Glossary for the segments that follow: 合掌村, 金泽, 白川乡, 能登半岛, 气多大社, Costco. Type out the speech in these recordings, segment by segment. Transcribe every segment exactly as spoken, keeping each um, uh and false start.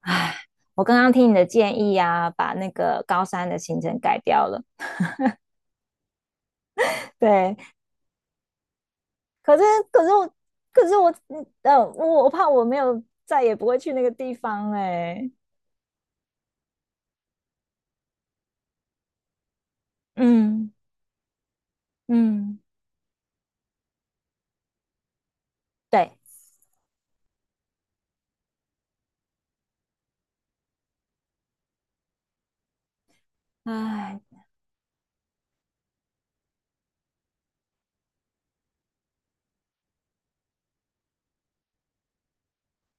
唉，我刚刚听你的建议啊，把那个高三的行程改掉了。对，可是可是我可是我呃，我我怕我没有再也不会去那个地方哎、嗯嗯，对，唉，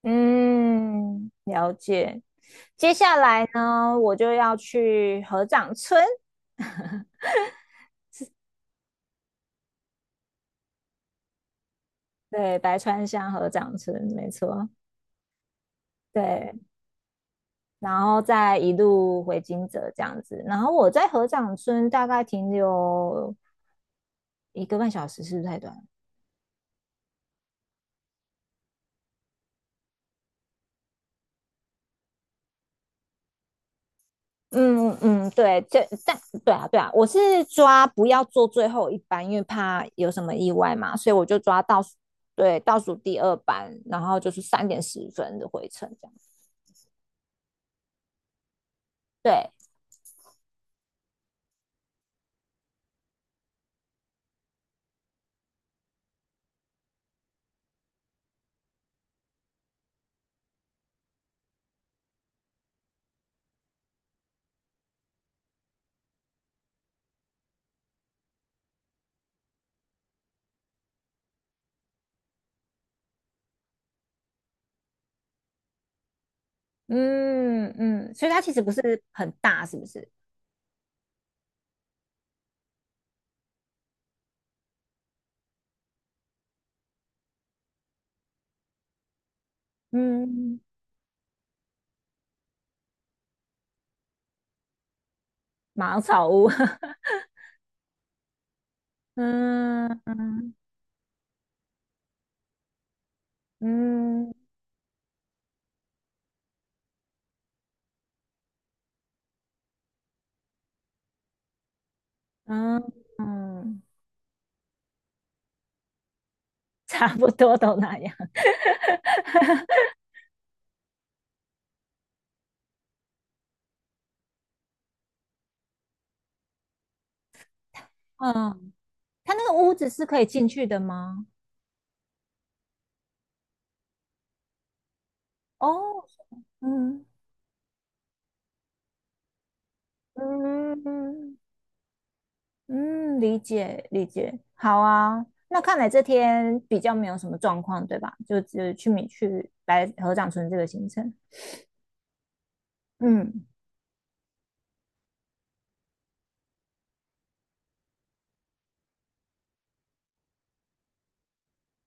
嗯，了解。接下来呢，我就要去合掌村，对，白川乡合掌村，没错，对，然后再一路回金泽这样子。然后我在合掌村大概停留一个半小时是不是太短了？嗯嗯，对，这但对啊对啊，我是抓不要做最后一班，因为怕有什么意外嘛，所以我就抓倒数，对，倒数第二班，然后就是三点十分的回程这样。对，嗯嗯，所以它其实不是很大，是不是？嗯，茅草屋，嗯嗯嗯嗯嗯 差不多都那样。嗯，它那个屋子是可以进去的吗？哦，嗯，嗯嗯，理解理解，好啊。那看来这天比较没有什么状况，对吧？就只去米去白合掌村这个行程。嗯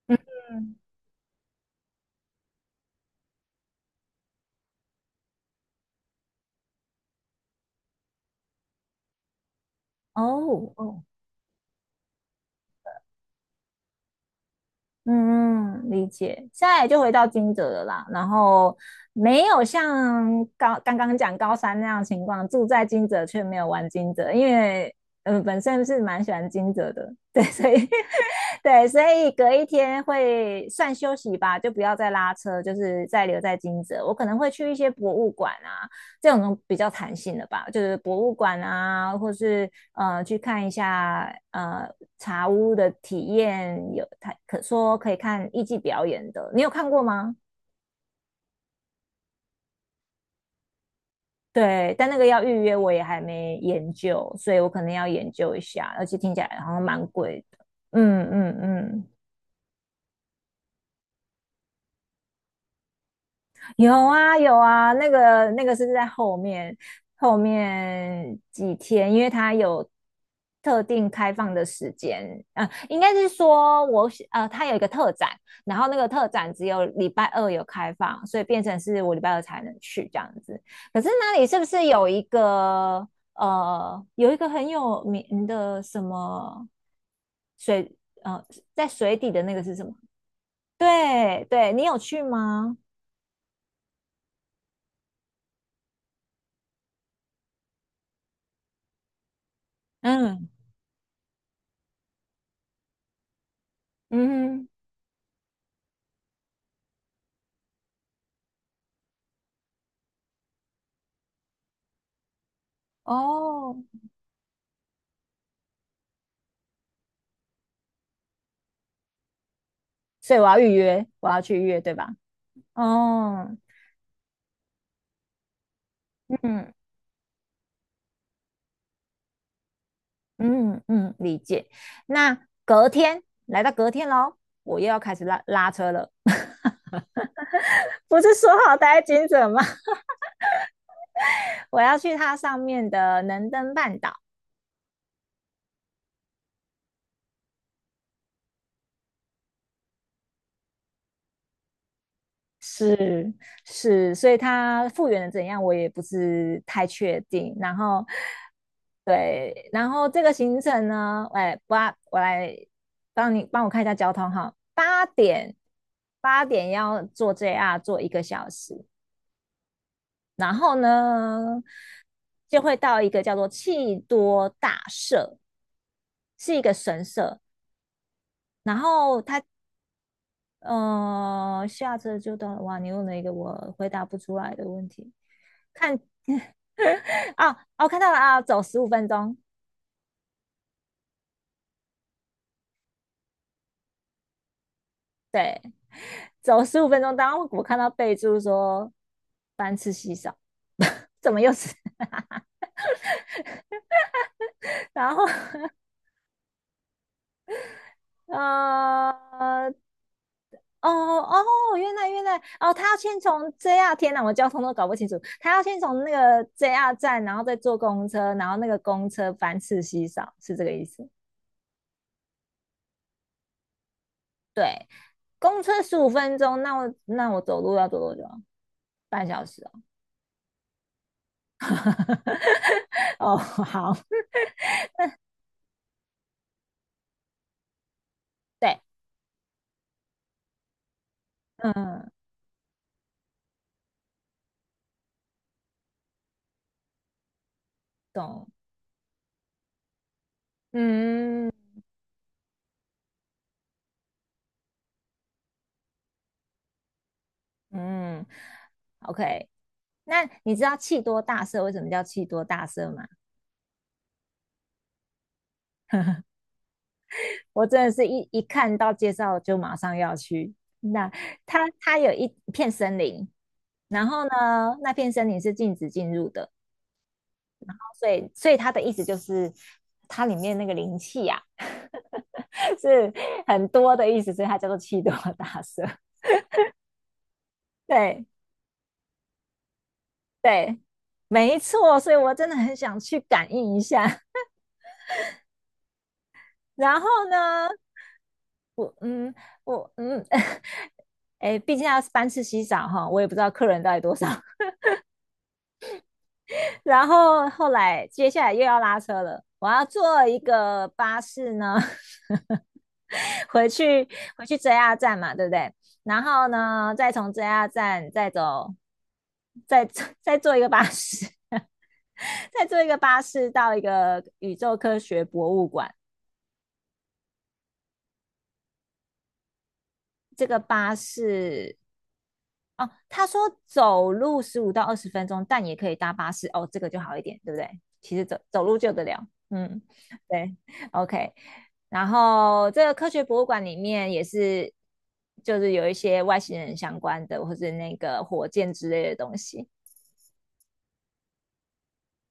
嗯，哦哦，嗯，嗯，理解。现在就回到金蛰了啦，然后没有像高刚刚讲高三那样情况，住在金蛰却没有玩金蛰，因为呃本身是蛮喜欢金蛰的，对，所以 对，所以隔一天会算休息吧，就不要再拉车，就是再留在金蛰。我可能会去一些博物馆啊，这种比较弹性的吧，就是博物馆啊，或是呃去看一下呃茶屋的体验，有他可说可以看艺伎表演的，你有看过吗？对，但那个要预约，我也还没研究，所以我可能要研究一下，而且听起来好像蛮贵的。嗯嗯嗯，有啊有啊，那个那个是在后面后面几天，因为它有特定开放的时间，呃，应该是说我喜呃，它有一个特展，然后那个特展只有礼拜二有开放，所以变成是我礼拜二才能去这样子。可是那里是不是有一个呃有一个很有名的什么水呃在水底的那个是什么？对对，你有去吗？嗯。嗯哼。哦，所以我要预约，我要去预约，对吧？哦，嗯嗯嗯，理解。那隔天来到隔天喽，我又要开始拉拉车了。不是说好待在金泽吗？我要去它上面的能登半岛。是是，所以它复原的怎样，我也不是太确定。然后，对，然后这个行程呢，哎，八，我来帮你帮我看一下交通哈。八点八点要坐 J R 坐一个小时，然后呢就会到一个叫做气多大社，是一个神社。然后它呃下车就到了，哇，你问了一个我回答不出来的问题。看啊哦，看到了啊，走十五分钟，走十五分钟。当我看到备注说班次稀少，怎么又是？然后呃，哦哦，原来原来哦，他要先从 J R，天哪，我交通都搞不清楚。他要先从那个 J R 站，然后再坐公车，然后那个公车班次稀少，是这个意思。公车十五分钟，那我那我走路要走多久啊？半小时哦。哦，好，对，嗯，懂，嗯。嗯，OK。那你知道气多大社为什么叫气多大社吗？我真的是一一看到介绍就马上要去。那它它有一片森林，然后呢，那片森林是禁止进入的，所以所以它的意思就是它里面那个灵气啊 是很多的意思，所以它叫做气多大社。对对，没错，所以我真的很想去感应一下。然后呢，我嗯，我嗯 哎，毕竟要班次稀少哈，我也不知道客人到底多少。然后后来接下来又要拉车了，我要坐一个巴士呢，回去回去 J R 站嘛，对不对？然后呢，再从 J R 站再走，再再坐一个巴士，再坐一个巴士到一个宇宙科学博物馆。这个巴士哦，他说走路十五到二十分钟，但也可以搭巴士。哦，这个就好一点，对不对？其实走走路就得了。嗯，对，OK。然后这个科学博物馆里面也是，就是有一些外星人相关的，或是那个火箭之类的东西。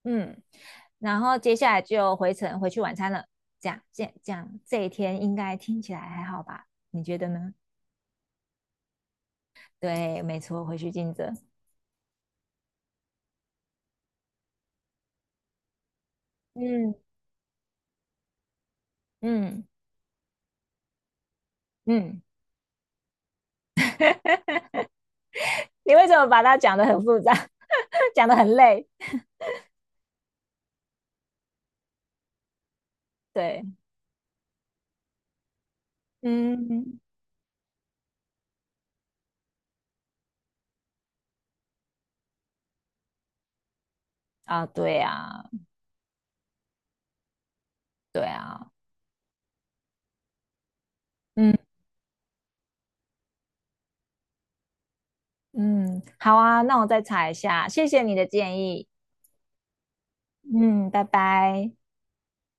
嗯，然后接下来就回程回去晚餐了。这样，这样，这样，这一天应该听起来还好吧？你觉得呢？对，没错，回去尽责。嗯嗯嗯。你为什么把它讲得很复杂 讲得很累？对，嗯，啊，对啊，对啊，嗯嗯，好啊，那我再查一下，谢谢你的建议，嗯，拜拜。